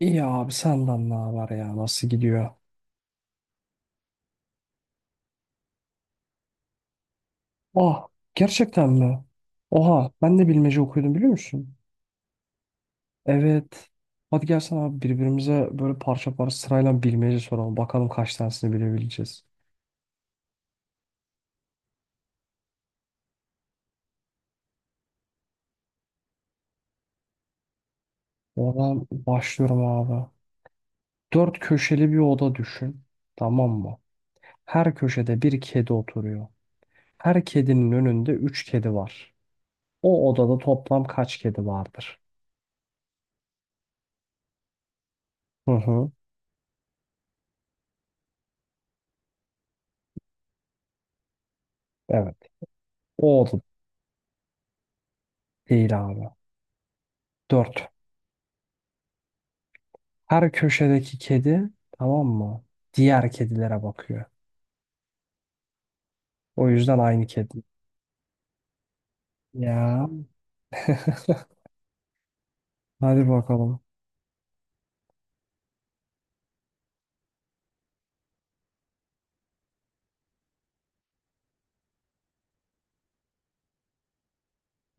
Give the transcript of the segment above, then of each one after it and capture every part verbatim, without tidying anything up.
İyi abi senden ne haber ya? Nasıl gidiyor? Ah, gerçekten mi? Oha, ben de bilmece okuyordum, biliyor musun? Evet. Hadi gelsen abi, birbirimize böyle parça parça sırayla bilmece soralım. Bakalım kaç tanesini bilebileceğiz. Oradan başlıyorum abi. Dört köşeli bir oda düşün. Tamam mı? Her köşede bir kedi oturuyor. Her kedinin önünde üç kedi var. O odada toplam kaç kedi vardır? Hı hı. Evet. O oda değil abi. Dört. Her köşedeki kedi, tamam mı? Diğer kedilere bakıyor. O yüzden aynı kedi. Ya, hadi bakalım.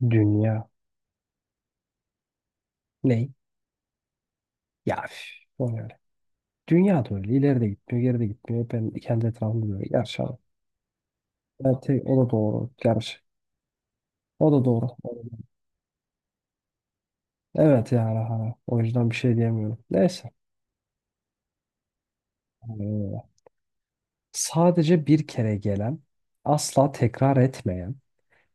Dünya. Ney? Ya üf, o ne öyle. Dünya da öyle. İleri de gitmiyor, geri de gitmiyor. Ben kendi etrafımda böyle. Gerçi ama. Evet, te- o da doğru. Gerçi. O da doğru. Evet yani. Hani. O yüzden bir şey diyemiyorum. Neyse. Aynen. Sadece bir kere gelen, asla tekrar etmeyen,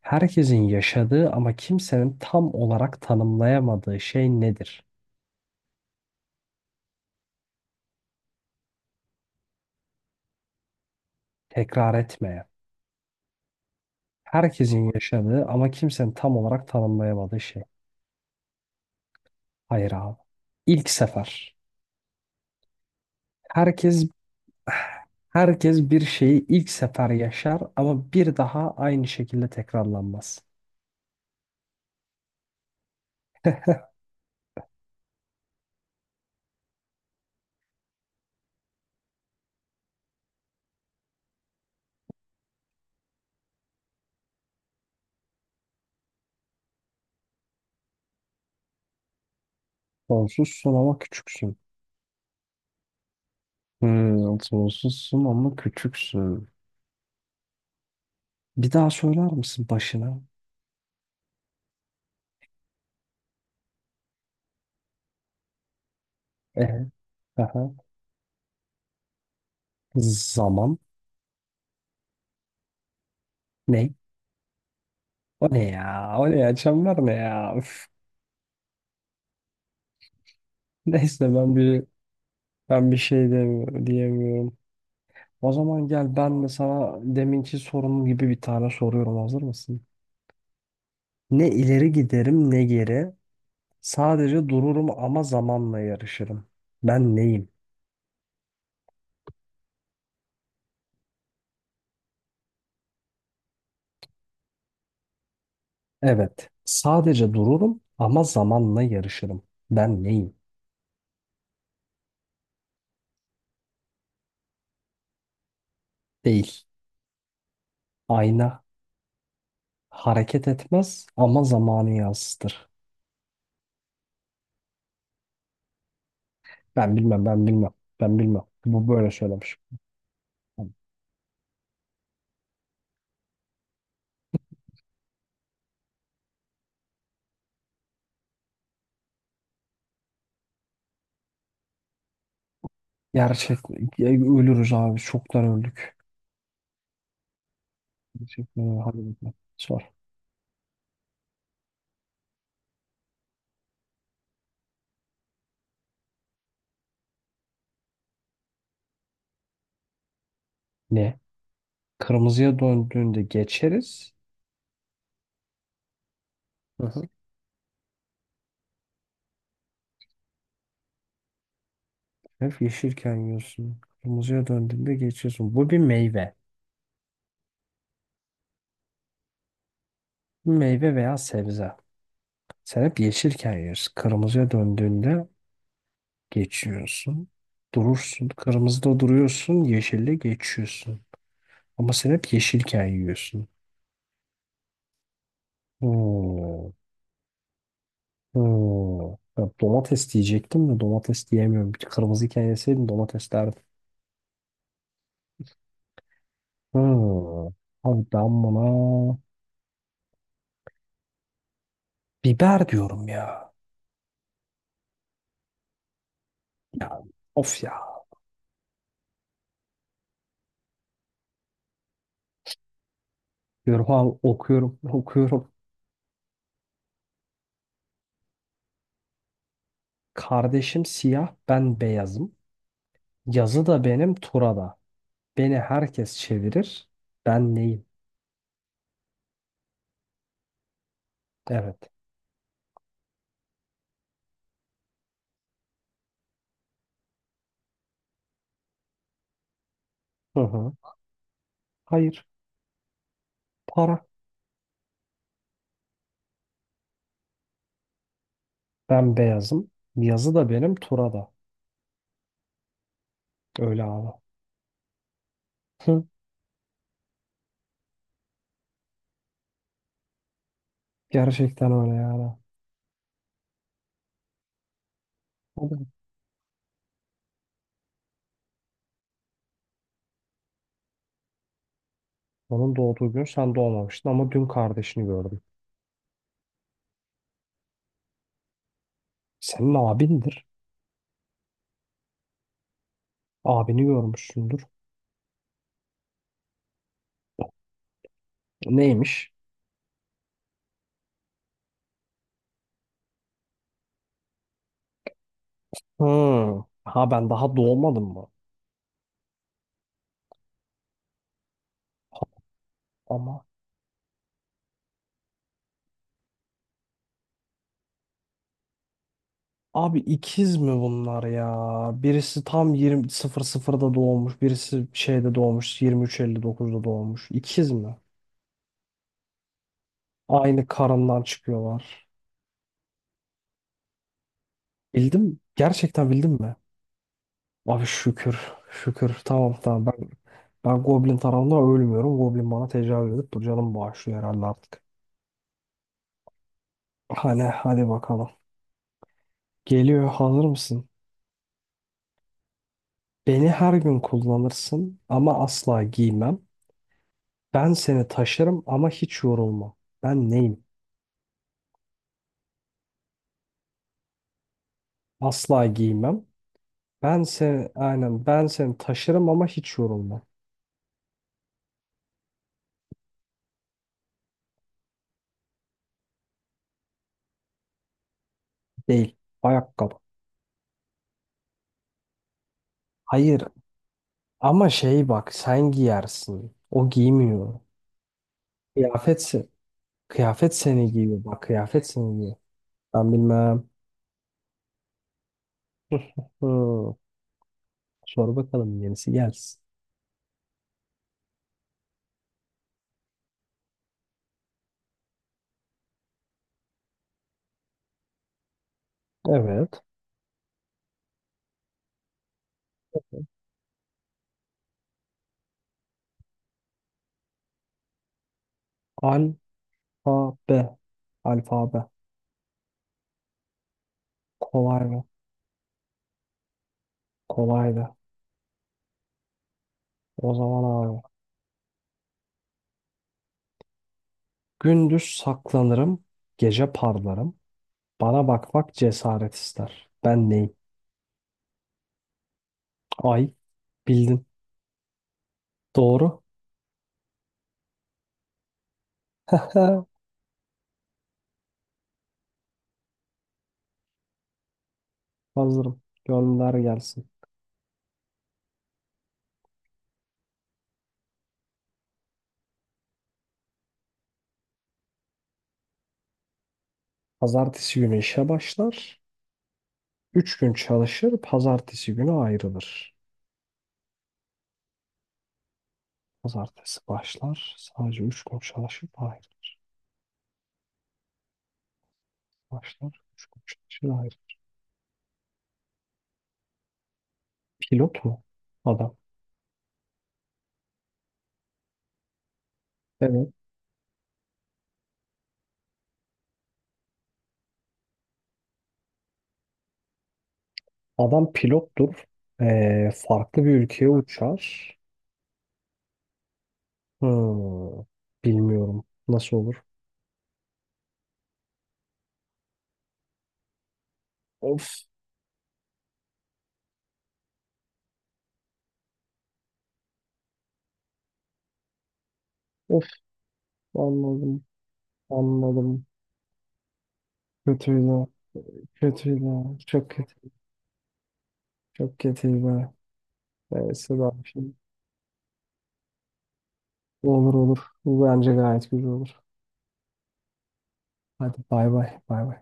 herkesin yaşadığı ama kimsenin tam olarak tanımlayamadığı şey nedir? Tekrar etmeye. Herkesin yaşadığı ama kimsenin tam olarak tanımlayamadığı şey. Hayır abi. İlk sefer. Herkes herkes bir şeyi ilk sefer yaşar ama bir daha aynı şekilde tekrarlanmaz. Sonsuzsun ama küçüksün. Hmm, sonsuzsun ama küçüksün. Bir daha söyler misin başına? Ee, Aha. Zaman. Ne? O ne ya? O ne ya? Çember ne ya? Üf. Neyse, ben bir ben bir şey demiyorum, diyemiyorum. O zaman gel, ben de sana deminki sorunum gibi bir tane soruyorum. Hazır mısın? Ne ileri giderim ne geri. Sadece dururum ama zamanla yarışırım. Ben neyim? Evet. Sadece dururum ama zamanla yarışırım. Ben neyim? Değil. Ayna hareket etmez ama zamanı yansıtır. Ben bilmem, ben bilmem. Ben bilmem. Bu böyle söylemiş. Gerçek. Ya ölürüz abi. Çoktan öldük. Gerçekten öyle. Hadi bakalım. Sor. Ne? Kırmızıya döndüğünde geçeriz. Hı hı. Hep yeşilken yiyorsun. Kırmızıya döndüğünde geçiyorsun. Bu bir meyve. Bir meyve veya sebze. Sen hep yeşilken yiyorsun. Kırmızıya döndüğünde geçiyorsun. Durursun. Kırmızıda duruyorsun. Yeşille geçiyorsun. Ama sen hep yeşilken yiyorsun. Hmm. Hmm. Ya domates diyecektim de domates diyemiyorum. Bir kırmızı iken yeseydim domates derdim. Hmm. Abi ben buna biber diyorum ya. Ya of ya. Diyorum abi, okuyorum okuyorum. Kardeşim siyah, ben beyazım. Yazı da benim, tura da. Beni herkes çevirir. Ben neyim? Evet. Hı hı. Hayır. Para. Ben beyazım. Yazı da benim, tura da. Öyle abi. Hı. Gerçekten öyle yani. Onun doğduğu gün sen doğmamıştın ama dün kardeşini gördüm. Senin abindir. Abini görmüşsündür. Neymiş? Hmm. Ha, ben daha doğmadım mı? Ama abi, ikiz mi bunlar ya? Birisi tam yirmi sıfır sıfırda doğmuş, birisi şeyde doğmuş, yirmi üç elli dokuzda doğmuş. İkiz mi? Aynı karından çıkıyorlar. Bildim. Gerçekten bildim mi? Abi şükür. Şükür. Tamam, tamam. Ben ben Goblin tarafından ölmüyorum. Goblin bana tecavüz edip bu canımı bağışlıyor herhalde artık. Hadi, hadi bakalım. Geliyor, hazır mısın? Beni her gün kullanırsın ama asla giymem. Ben seni taşırım ama hiç yorulmam. Ben neyim? Asla giymem. Ben seni, aynen ben seni taşırım ama hiç yorulmam. Değil. Ayakkabı. Hayır. Ama şey bak, sen giyersin. O giymiyor. Kıyafet, se- kıyafet seni giyiyor. Bak, kıyafet seni giyiyor. Ben bilmem. Hı. Sor bakalım, yenisi gelsin. Evet. Alfabe. Alfabe. Kolay mı? Kolaydı. O zaman abi. Gündüz saklanırım, gece parlarım. Bana bakmak cesaret ister. Ben neyim? Ay. Bildin. Doğru. Hazırım. Gönder gelsin. Pazartesi günü işe başlar. Üç gün çalışır, pazartesi günü ayrılır. Pazartesi başlar, sadece üç gün çalışıp ayrılır. Başlar, üç gün çalışır, ayrılır. Pilot mu? Adam. Evet. Adam pilottur. Ee, farklı bir ülkeye uçar. Hmm, bilmiyorum. Nasıl olur? Of, of, anladım. Anladım. Kötüydü. Kötüydü. Çok kötü. Çok kötüydü. Neyse ben şimdi. Olur olur. Bu bence gayet güzel olur. Hadi bay bay. Bay bay.